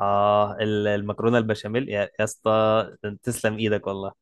المكرونه البشاميل يا اسطى. تسلم ايدك والله.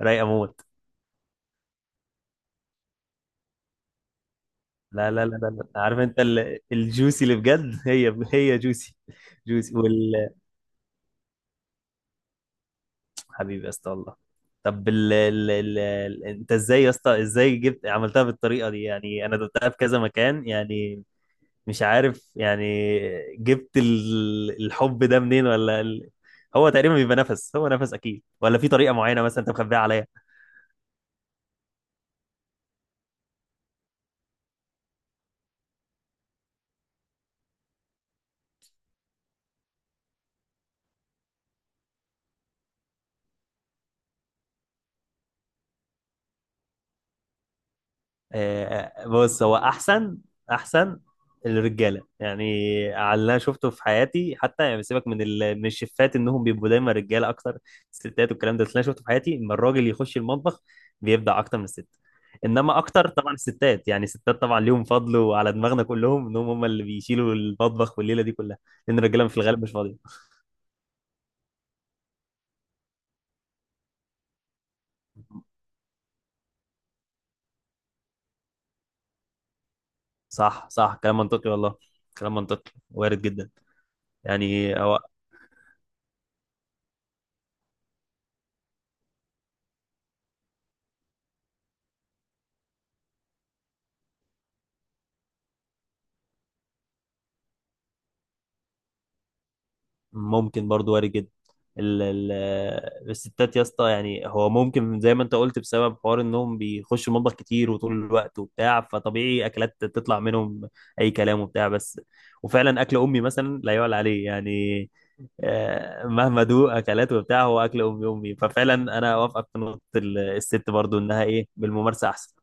رايقه موت. لا، لا، لا، لا، لا. عارف انت الجوسي اللي بجد، هي هي جوسي. جوسي حبيبي يا اسطى والله. طب انت ازاي يا اسطى، ازاي جبت، عملتها بالطريقه دي، يعني انا دوقتها في كذا مكان يعني. مش عارف يعني. جبت الحب ده منين، ولا هو تقريبا بيبقى نفس، هو نفس اكيد، ولا في طريقه معينه مثلا انت مخبيها عليا؟ بص، هو احسن، احسن، الرجاله يعني. على اللي انا شفته في حياتي، حتى يعني سيبك من الشيفات انهم بيبقوا دايما رجاله اكتر، الستات والكلام ده. بس اللي انا شفته في حياتي ان الراجل يخش المطبخ بيبدع اكتر من الست. انما اكتر طبعا الستات، يعني الستات طبعا ليهم فضل وعلى دماغنا كلهم، انهم هم اللي بيشيلوا المطبخ والليله دي كلها، لان الرجاله في الغالب مش فاضيه. صح، صح، كلام منطقي والله. كلام منطقي وارد جدا، يعني هو ممكن برضو، وارد جدا. ال ال الستات يا اسطى، يعني هو ممكن زي ما انت قلت، بسبب حوار انهم بيخشوا المطبخ كتير وطول الوقت وبتاع، فطبيعي اكلات تطلع منهم، اي كلام وبتاع. بس وفعلا اكل امي مثلا لا يعلى عليه يعني. مهما دوق اكلات وبتاع، هو اكل امي، امي، ففعلا انا اوافقك في نقطه الست، برضو انها ايه بالممارسه احسن.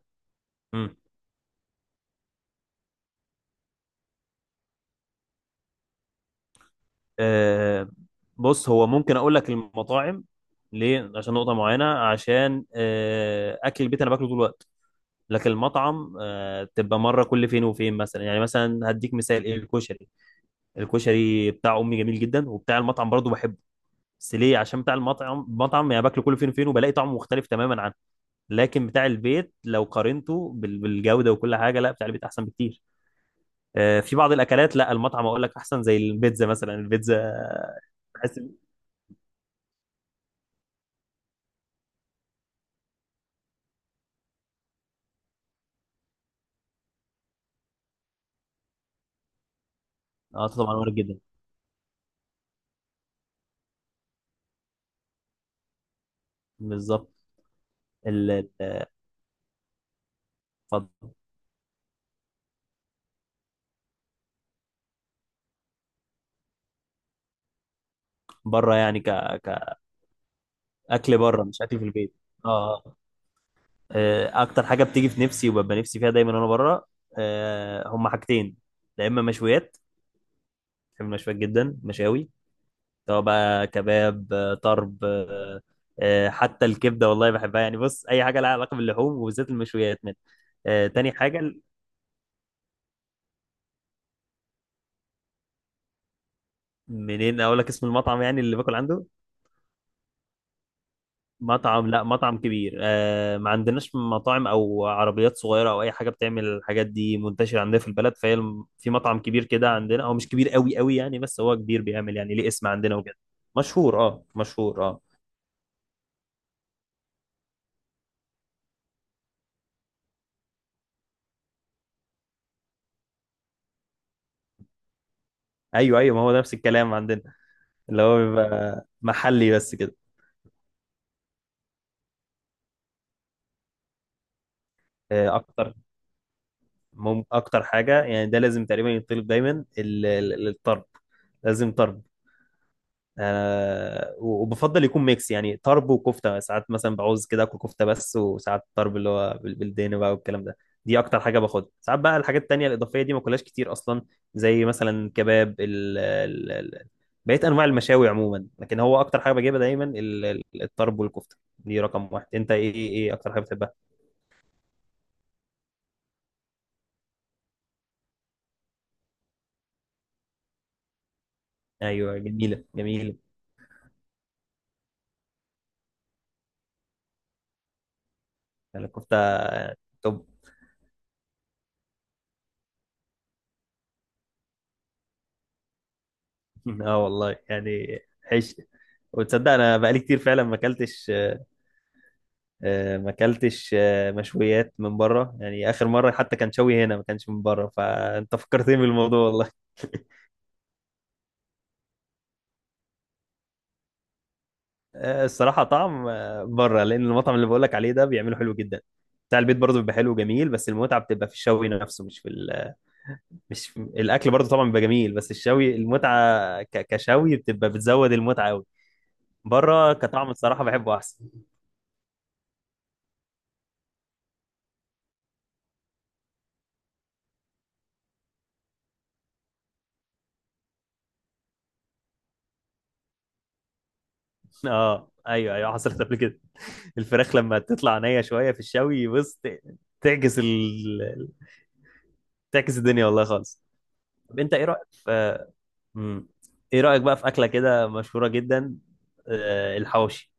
آه، بص، هو ممكن اقول لك المطاعم ليه، عشان نقطه معينه، عشان اكل البيت انا باكله طول الوقت، لكن المطعم تبقى مره كل فين وفين، مثلا يعني مثلا هديك مثال، ايه، الكشري. الكشري بتاع امي جميل جدا، وبتاع المطعم برضه بحبه. بس ليه، عشان بتاع المطعم مطعم يعني، باكله كل فين وفين وبلاقي طعمه مختلف تماما عنه. لكن بتاع البيت لو قارنته بالجوده وكل حاجه، لا بتاع البيت احسن بكتير. في بعض الاكلات لا، المطعم اقول لك احسن، زي البيتزا مثلا، البيتزا بحس. اه، طبعا وارد جدا. بالظبط. ال- ال- اتفضل. بره يعني، كأكل بره مش أكل في البيت. اه، أكتر حاجة بتيجي في نفسي وببقى نفسي فيها دايما وأنا بره، هما حاجتين. يا إما مشويات، بحب المشويات جدا، مشاوي، سواء بقى كباب، طرب، حتى الكبدة والله بحبها يعني. بص، أي حاجة لها علاقة باللحوم وبالذات المشويات من، تاني حاجة. منين أقول لك اسم المطعم يعني اللي باكل عنده؟ مطعم، لا مطعم كبير. ما عندناش مطاعم او عربيات صغيره او اي حاجه بتعمل الحاجات دي منتشره عندنا في البلد، فهي في مطعم كبير كده عندنا، هو مش كبير قوي قوي يعني، بس هو كبير، بيعمل يعني ليه اسم عندنا وكده. مشهور، اه مشهور اه. ايوه، ايوه، ما هو ده نفس الكلام عندنا، اللي هو بيبقى محلي بس كده. اكتر. اكتر حاجه يعني، ده لازم تقريبا يطلب دايما الطرب. لازم طرب. وبفضل يكون ميكس، يعني طرب وكفته، ساعات مثلا بعوز كده اكل كفته بس، وساعات طرب اللي هو بالدهن بقى والكلام ده. دي اكتر حاجه باخدها. ساعات بقى الحاجات التانيه الاضافيه دي ما كلهاش كتير اصلا، زي مثلا كباب، ال ال ال بقيت انواع المشاوي عموما. لكن هو اكتر حاجه بجيبها دايما الطرب والكفته، دي رقم واحد. انت ايه ايه إيه اكتر حاجه بتحبها؟ ايوه، جميله جميله. يعني الكفته توب. اه والله يعني. عيش. وتصدق انا بقالي كتير فعلا ما اكلتش، ما اكلتش مشويات من بره، يعني اخر مره حتى كان شوي هنا ما كانش من بره، فانت فكرتني بالموضوع والله. الصراحه طعم بره، لان المطعم اللي بقولك عليه ده بيعمله حلو جدا. بتاع البيت برضه بيبقى حلو وجميل، بس المتعه بتبقى في الشوي نفسه، مش الاكل برضه طبعا بيبقى جميل، بس الشوي، المتعه كشوي بتبقى بتزود المتعه قوي. بره كطعم، الصراحه بحبه احسن. اه، ايوه، ايوه، حصلت قبل كده. الفراخ لما تطلع نيه شويه في الشوي، بص تعجز، تعكس الدنيا والله خالص. طب، انت ايه رايك في مم. ايه رايك بقى في اكله كده مشهوره جدا، الحواوشي.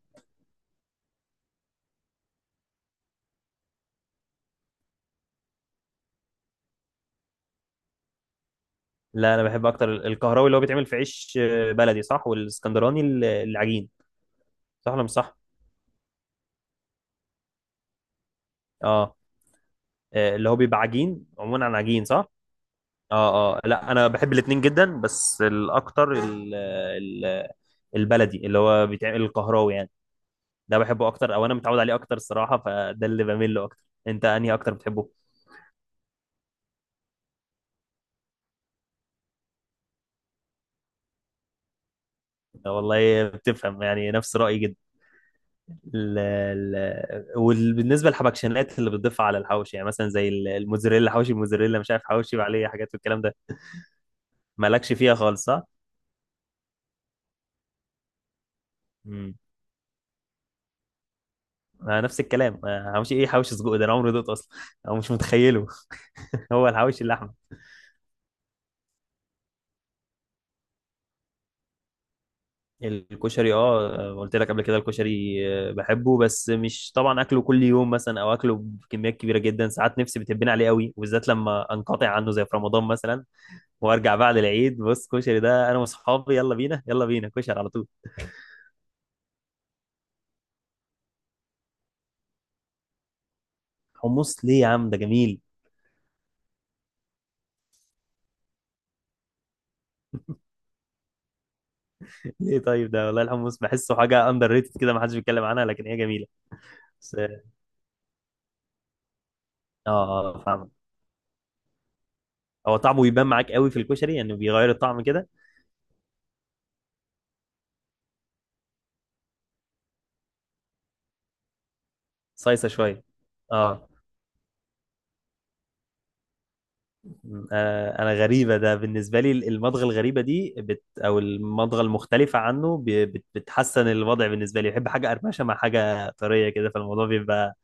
لا، انا بحب اكتر الكهراوي، اللي هو بيتعمل في عيش بلدي، صح، والاسكندراني العجين. صح ولا مش صح؟ اه، اللي هو بيبقى عجين عموما، عن عجين صح. اه، اه، لا، انا بحب الاتنين جدا، بس الاكتر البلدي، اللي هو بيتعمل الكهراوي يعني، ده بحبه اكتر، او انا متعود عليه اكتر الصراحه، فده اللي بميل له اكتر. انت انهي اكتر بتحبه؟ والله بتفهم، يعني نفس رايي جدا. ال ال وبالنسبه للحبكشنات اللي بتضيفها على الحواوشي، يعني مثلا زي الموزاريلا، حواوشي الموزاريلا، مش عارف، حواوشي عليه حاجات والكلام ده. مالكش فيها خالص، صح؟ مم. نفس الكلام، حواوشي ايه؟ حواوشي سجق ده انا عمري دوت اصلا، او مش متخيله. هو الحواوشي اللحمه. الكشري، اه، قلت لك قبل كده الكشري. بحبه، بس مش طبعا اكله كل يوم مثلا او اكله بكميات كبيره جدا. ساعات نفسي بتبين عليه قوي، وبالذات لما انقطع عنه زي في رمضان مثلا، وارجع بعد العيد، بص كشري، ده انا واصحابي يلا بينا يلا بينا كشري على طول. حمص ليه يا عم؟ ده جميل. ليه طيب؟ ده والله الحمص بحسه حاجه اندر ريتد كده، ما حدش بيتكلم عنها، لكن هي جميله. بس اه، اه، فاهمك. هو طعمه بيبان معاك قوي في الكشري، يعني بيغير الطعم كده. صيصه شويه. اه، انا غريبه، ده بالنسبه لي المضغه الغريبه دي او المضغه المختلفه عنه بتحسن الوضع بالنسبه لي، بحب حاجه قرمشه مع حاجه طريه كده، فالموضوع بيبقى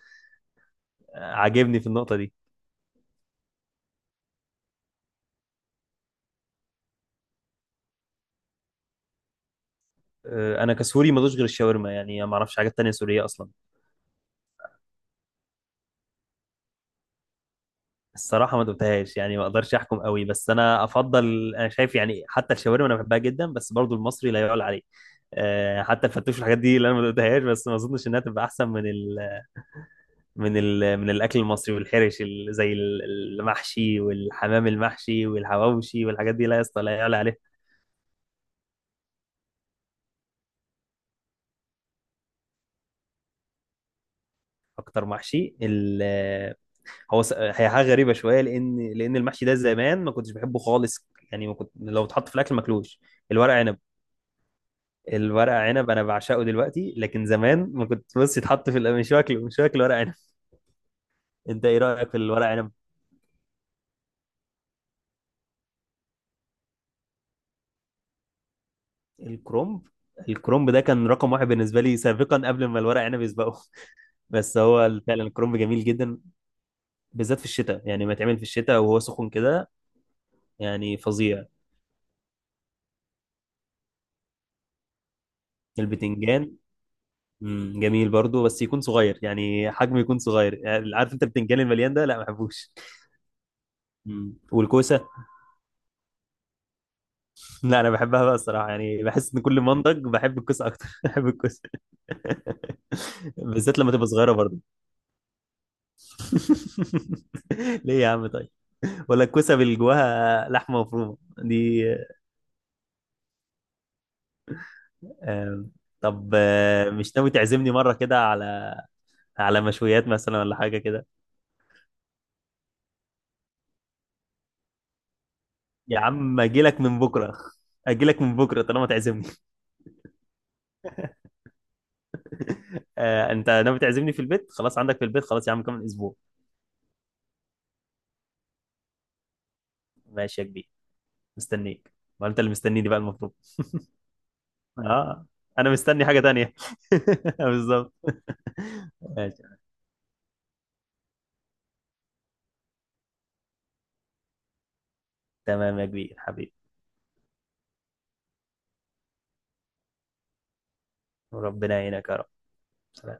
عاجبني في النقطه دي. انا كسوري ما دوش غير الشاورما، يعني ما اعرفش حاجات تانية سورية اصلا. الصراحة ما دوتهاش، يعني ما اقدرش احكم قوي، بس انا افضل، انا شايف يعني حتى الشاورما انا بحبها جدا، بس برضو المصري لا يعلى عليه. حتى الفتوش والحاجات دي اللي انا ما دوتهاش، بس ما اظنش انها تبقى احسن من الاكل المصري والحرش، زي المحشي والحمام المحشي والحواوشي والحاجات دي، لا يا اسطى، لا يعلى عليه. اكتر محشي؟ هي حاجه غريبه شويه، لان المحشي ده زمان ما كنتش بحبه خالص، يعني ما كنت لو اتحط في الاكل ماكلوش. الورق عنب، الورق عنب انا بعشقه دلوقتي، لكن زمان ما كنت، بص يتحط في مش واكل ورق عنب. انت ايه رايك في الورق عنب؟ الكرومب، الكرومب ده كان رقم واحد بالنسبه لي سابقا، قبل ما الورق عنب يسبقه. بس هو فعلا الكرومب جميل جدا، بالذات في الشتاء، يعني ما يتعمل في الشتاء وهو سخن كده، يعني فظيع. البتنجان، جميل برضو، بس يكون صغير، يعني حجمه يكون صغير، يعني عارف انت البتنجان المليان ده، لا ما بحبوش. والكوسه؟ لا، انا بحبها بقى الصراحه، يعني بحس ان كل ما انضج بحب الكوسه اكتر. بحب الكوسه. بالذات لما تبقى صغيره برضو. ليه يا عم؟ طيب، ولا الكوسه اللي جواها لحمه مفرومه دي؟ آم، طب، مش ناوي تعزمني مره كده على، مشويات مثلا ولا حاجه كده؟ يا عم اجي لك من بكره، اجي لك من بكره طالما تعزمني. انت ناوي تعزمني في البيت خلاص، عندك في البيت، خلاص يا عم، كمان اسبوع. ماشي يا كبير، مستنيك. ما انت اللي مستنيني بقى المفروض. اه، انا مستني حاجه تانية. بالظبط. ماشي. تمام يا كبير حبيبي. وربنا يعينك يا رب. سلام.